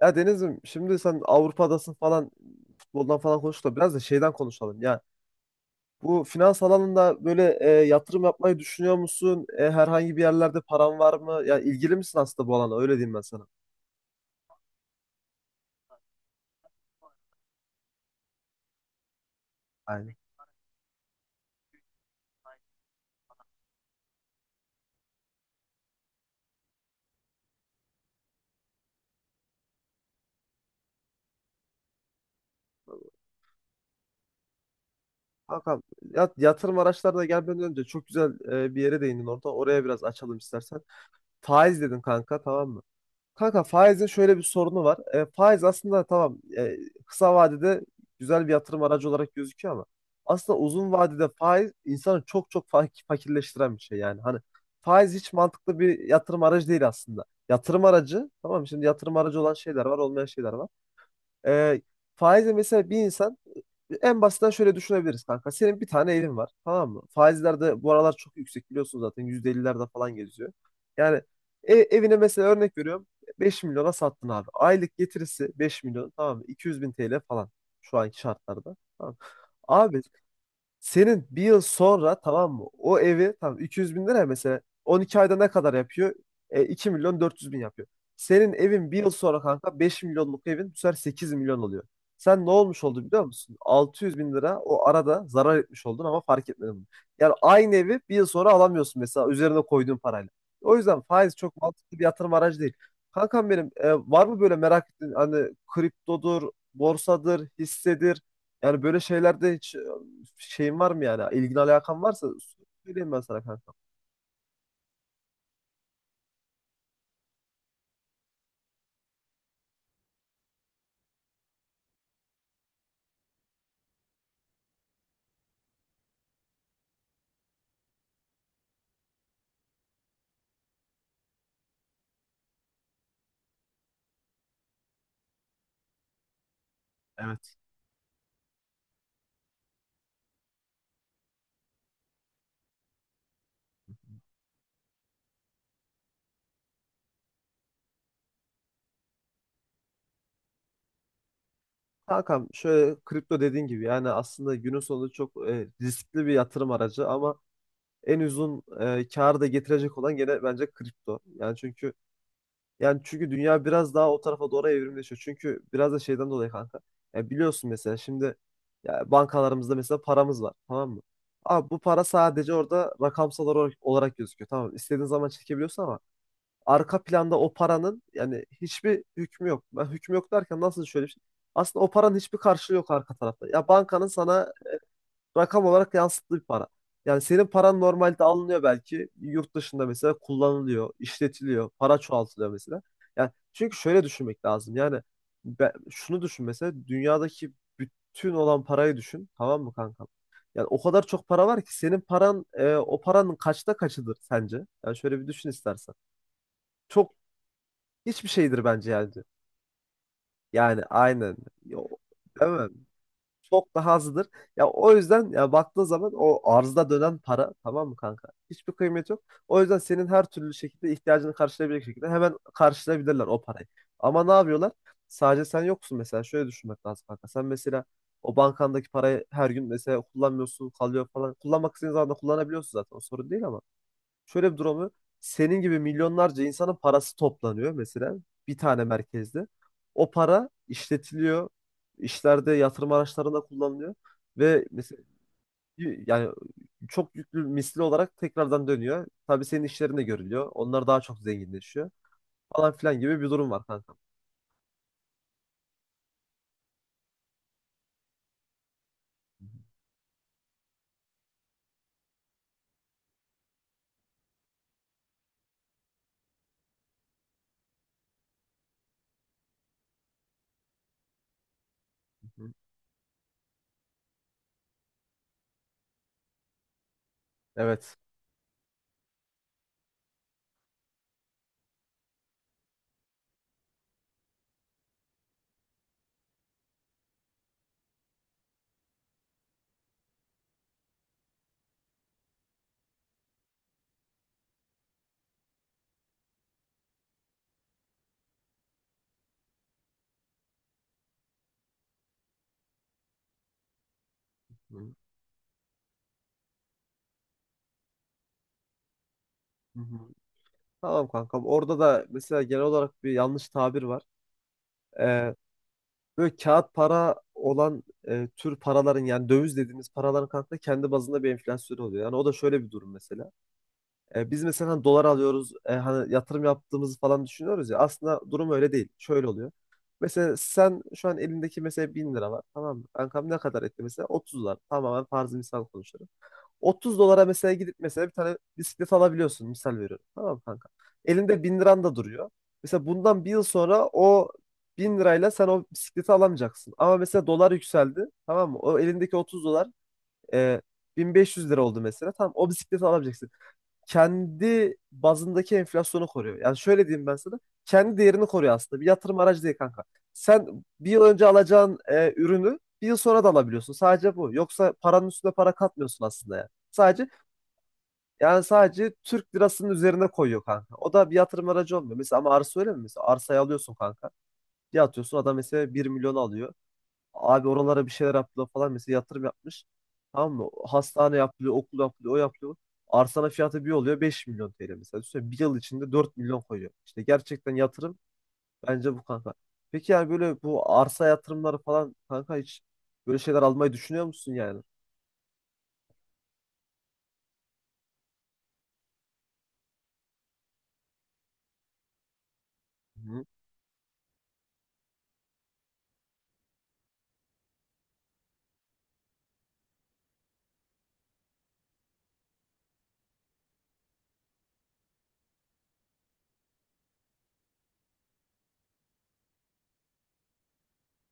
Ya Deniz'im şimdi sen Avrupa'dasın falan futboldan falan konuştuk da biraz da şeyden konuşalım. Ya bu finans alanında böyle yatırım yapmayı düşünüyor musun? Herhangi bir yerlerde paran var mı? Ya ilgili misin aslında bu alana? Öyle diyeyim ben sana. Aynen. Hakan yatırım araçlarına gelmeden önce çok güzel bir yere değindin orada. Oraya biraz açalım istersen. Faiz dedin kanka, tamam mı? Kanka faizin şöyle bir sorunu var. Faiz aslında tamam, kısa vadede güzel bir yatırım aracı olarak gözüküyor ama aslında uzun vadede faiz insanı çok çok fakirleştiren bir şey yani. Hani faiz hiç mantıklı bir yatırım aracı değil aslında. Yatırım aracı, tamam mı? Şimdi yatırım aracı olan şeyler var, olmayan şeyler var. Ee, faizle mesela bir insan, en basitten şöyle düşünebiliriz kanka. Senin bir tane evin var, tamam mı? Faizler de bu aralar çok yüksek, biliyorsun zaten %50'lerde falan geziyor. Yani evine mesela örnek veriyorum, 5 milyona sattın abi. Aylık getirisi 5 milyon, tamam mı? 200.000 TL falan şu anki şartlarda. Tamam. Abi senin bir yıl sonra, tamam mı? O evi, tamam, 200 bin lira mesela, 12 ayda ne kadar yapıyor? 2 milyon 400 bin yapıyor. Senin evin bir yıl sonra kanka, 5 milyonluk evin, bu sefer 8 milyon oluyor. Sen ne olmuş oldu biliyor musun? 600 bin lira o arada zarar etmiş oldun ama fark etmedin bunu. Yani aynı evi bir yıl sonra alamıyorsun mesela üzerine koyduğun parayla. O yüzden faiz çok mantıklı bir yatırım aracı değil. Kankam benim, var mı böyle merak ettiğin, hani kriptodur, borsadır, hissedir, yani böyle şeylerde hiç şeyin var mı yani? İlgin alakan varsa söyleyeyim ben sana kanka. Kankam, şöyle, kripto dediğin gibi yani aslında günün sonunda çok riskli bir yatırım aracı ama en uzun karı da getirecek olan gene bence kripto. Yani çünkü dünya biraz daha o tarafa doğru evrimleşiyor. Çünkü biraz da şeyden dolayı kanka. Ya biliyorsun, mesela şimdi, ya bankalarımızda mesela paramız var, tamam mı? Abi, bu para sadece orada rakamsal olarak gözüküyor. Tamam, istediğin zaman çekebiliyorsun ama arka planda o paranın yani hiçbir hükmü yok. Ben hükmü yok derken, nasıl, şöyle bir şey. Aslında o paranın hiçbir karşılığı yok arka tarafta. Ya, bankanın sana rakam olarak yansıttığı bir para. Yani senin paran normalde alınıyor belki. Yurt dışında mesela kullanılıyor, işletiliyor, para çoğaltılıyor mesela. Yani çünkü şöyle düşünmek lazım. Yani, şunu düşün mesela, dünyadaki bütün olan parayı düşün. Tamam mı kankam? Yani o kadar çok para var ki senin paran, o paranın kaçta kaçıdır sence? Yani şöyle bir düşün istersen. Çok Hiçbir şeydir bence yani. Yani aynen. Ya, o- Değil mi? Çok daha azdır. Ya o yüzden, ya, baktığın zaman o arzda dönen para, tamam mı kanka? Hiçbir kıymeti yok. O yüzden senin her türlü şekilde ihtiyacını karşılayabilecek şekilde hemen karşılayabilirler o parayı. Ama ne yapıyorlar? Sadece sen yoksun mesela. Şöyle düşünmek lazım kanka. Sen mesela o bankandaki parayı her gün mesela kullanmıyorsun, kalıyor falan. Kullanmak istediğin zaman da kullanabiliyorsun zaten. O sorun değil ama şöyle bir durum var. Senin gibi milyonlarca insanın parası toplanıyor mesela bir tane merkezde. O para işletiliyor, işlerde, yatırım araçlarında kullanılıyor ve mesela yani çok yüklü misli olarak tekrardan dönüyor. Tabii senin işlerinde görülüyor. Onlar daha çok zenginleşiyor falan filan gibi bir durum var kanka. Hı hı. Evet. Hı hı. Tamam kankam. Orada da mesela genel olarak bir yanlış tabir var. Ee, Böyle kağıt para olan, tür paraların yani döviz dediğimiz paraların kanka kendi bazında bir enflasyonu oluyor. Yani o da şöyle bir durum mesela. Biz mesela hani dolar alıyoruz, hani yatırım yaptığımızı falan düşünüyoruz ya, aslında durum öyle değil. Şöyle oluyor. Mesela sen şu an elindeki mesela 1.000 lira var, tamam mı? Kankam, ne kadar etti mesela? 30 dolar. Tamamen farzı misal konuşuyorum. 30 dolara mesela gidip mesela bir tane bisiklet alabiliyorsun, misal veriyorum. Tamam mı kanka. Elinde 1.000 liran da duruyor. Mesela bundan bir yıl sonra o 1.000 lirayla sen o bisikleti alamayacaksın. Ama mesela dolar yükseldi, tamam mı? O elindeki 30 dolar e, 1500 lira oldu mesela. Tamam, o bisikleti alabileceksin. Kendi bazındaki enflasyonu koruyor. Yani şöyle diyeyim ben sana. Kendi değerini koruyor aslında. Bir yatırım aracı değil kanka. Sen bir yıl önce alacağın ürünü bir yıl sonra da alabiliyorsun. Sadece bu. Yoksa paranın üstüne para katmıyorsun aslında yani. Sadece Türk lirasının üzerine koyuyor kanka. O da bir yatırım aracı olmuyor. Mesela ama arsa öyle mi? Mesela arsayı alıyorsun kanka. Bir atıyorsun, adam mesela bir milyon alıyor. Abi, oralara bir şeyler yaptılar falan, mesela yatırım yapmış. Tamam mı? Hastane yapılıyor, okul yapılıyor, o yapılıyor. Arsana fiyatı bir oluyor 5.000.000 TL mesela. Düşünsene, bir yıl içinde 4 milyon koyuyor. İşte gerçekten yatırım bence bu kanka. Peki yani böyle bu arsa yatırımları falan kanka, hiç böyle şeyler almayı düşünüyor musun yani? Hı.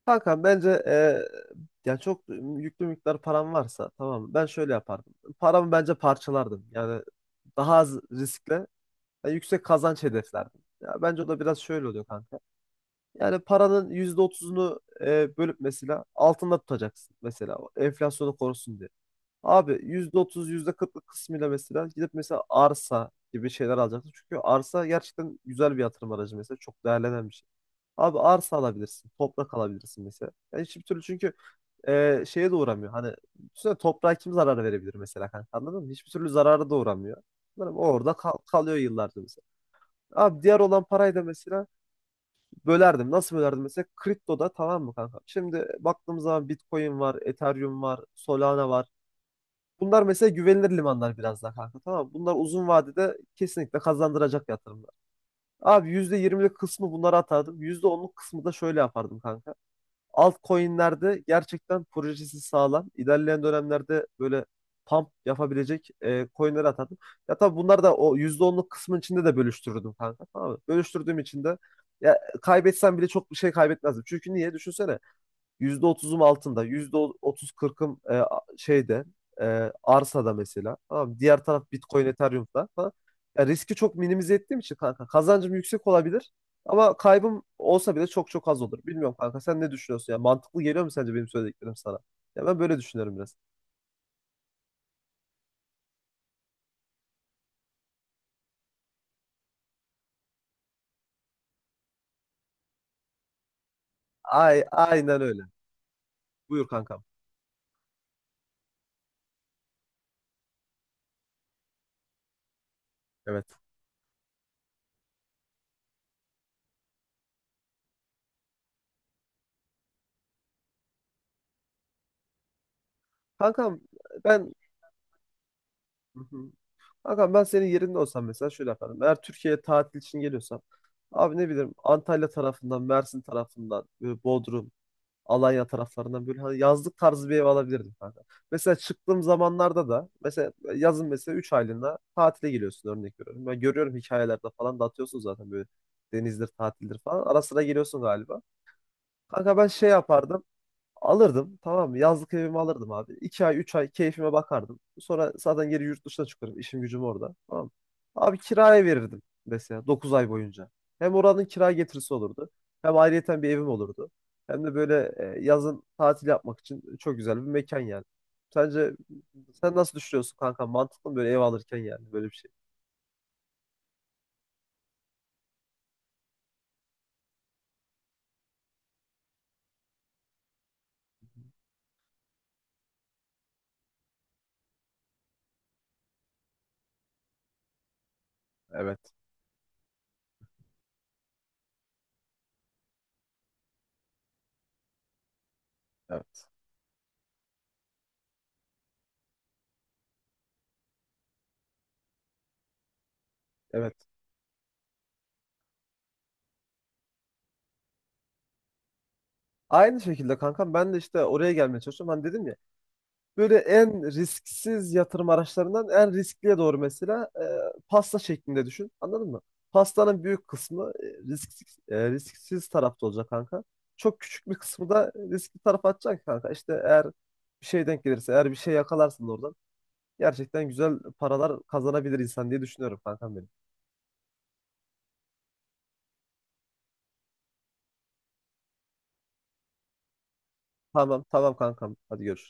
Kanka bence, yani, çok yüklü miktar param varsa, tamam mı? Ben şöyle yapardım. Paramı bence parçalardım. Yani daha az riskle yani yüksek kazanç hedeflerdim. Ya bence o da biraz şöyle oluyor kanka. Yani paranın %30'unu bölüp mesela altında tutacaksın, mesela o enflasyonu korusun diye. Abi %30 %40'lık kısmıyla mesela gidip mesela arsa gibi şeyler alacaksın. Çünkü arsa gerçekten güzel bir yatırım aracı mesela, çok değerlenen bir şey. Abi arsa alabilirsin, toprak alabilirsin mesela. Yani hiçbir türlü çünkü şeye de uğramıyor. Hani düşünsene, toprağa kim zarar verebilir mesela kanka, anladın mı? Hiçbir türlü zararı da uğramıyor. Anladın mı? Orada kalıyor yıllarca mesela. Abi diğer olan parayı da mesela bölerdim. Nasıl bölerdim mesela? Kriptoda, tamam mı kanka? Şimdi baktığımız zaman Bitcoin var, Ethereum var, Solana var. Bunlar mesela güvenilir limanlar biraz daha kanka, tamam mı? Bunlar uzun vadede kesinlikle kazandıracak yatırımlar. Abi %20'lik kısmı bunlara atardım. %10'luk kısmı da şöyle yapardım kanka, altcoin'lerde gerçekten projesi sağlam, İlerleyen dönemlerde böyle pump yapabilecek coin'leri atardım. Ya tabii bunlar da o %10'luk kısmın içinde de bölüştürdüm kanka. Tamam mı? Bölüştürdüğüm için de ya kaybetsem bile çok bir şey kaybetmezdim. Çünkü niye? Düşünsene. %30'um altında, %30-40'ım şeyde, arsada mesela. Tamam mı? Diğer taraf Bitcoin, Ethereum'da falan. Ya, riski çok minimize ettiğim için kanka kazancım yüksek olabilir ama kaybım olsa bile çok çok az olur. Bilmiyorum kanka, sen ne düşünüyorsun? Ya mantıklı geliyor mu sence benim söylediklerim sana? Ya ben böyle düşünüyorum biraz. Ay, aynen öyle. Buyur kankam. Evet. Kankam ben. Hı hı. Hakan, ben senin yerinde olsam mesela şöyle yaparım. Eğer Türkiye'ye tatil için geliyorsam, abi ne bileyim, Antalya tarafından, Mersin tarafından, böyle Bodrum, Alanya taraflarından böyle hani yazlık tarzı bir ev alabilirdim kanka. Mesela çıktığım zamanlarda da mesela yazın mesela 3 aylığına tatile geliyorsun, örnek veriyorum. Ben görüyorum hikayelerde falan da atıyorsun zaten, böyle denizdir, tatildir falan. Ara sıra geliyorsun galiba. Kanka ben şey yapardım. Alırdım, tamam mı? Yazlık evimi alırdım abi. 2 ay, 3 ay keyfime bakardım. Sonra zaten geri yurt dışına çıkarım. İşim gücüm orada. Tamam mı? Abi kiraya verirdim mesela 9 ay boyunca. Hem oranın kira getirisi olurdu. Hem ayrıyeten bir evim olurdu. Hem de böyle yazın tatil yapmak için çok güzel bir mekan yani. Sence, sen nasıl düşünüyorsun kanka? Mantıklı mı böyle ev alırken yani böyle bir şey? Evet, evet, evet. Aynı şekilde kankam, ben de işte oraya gelmeye çalışıyorum. Hani dedim ya, böyle en risksiz yatırım araçlarından en riskliye doğru mesela, pasta şeklinde düşün. Anladın mı? Pastanın büyük kısmı risksiz tarafta olacak kanka. Çok küçük bir kısmı da riskli tarafa atacaksın kanka. İşte eğer bir şey denk gelirse, eğer bir şey yakalarsın da oradan gerçekten güzel paralar kazanabilir insan diye düşünüyorum kankam benim. Tamam, tamam kankam. Hadi görüşürüz.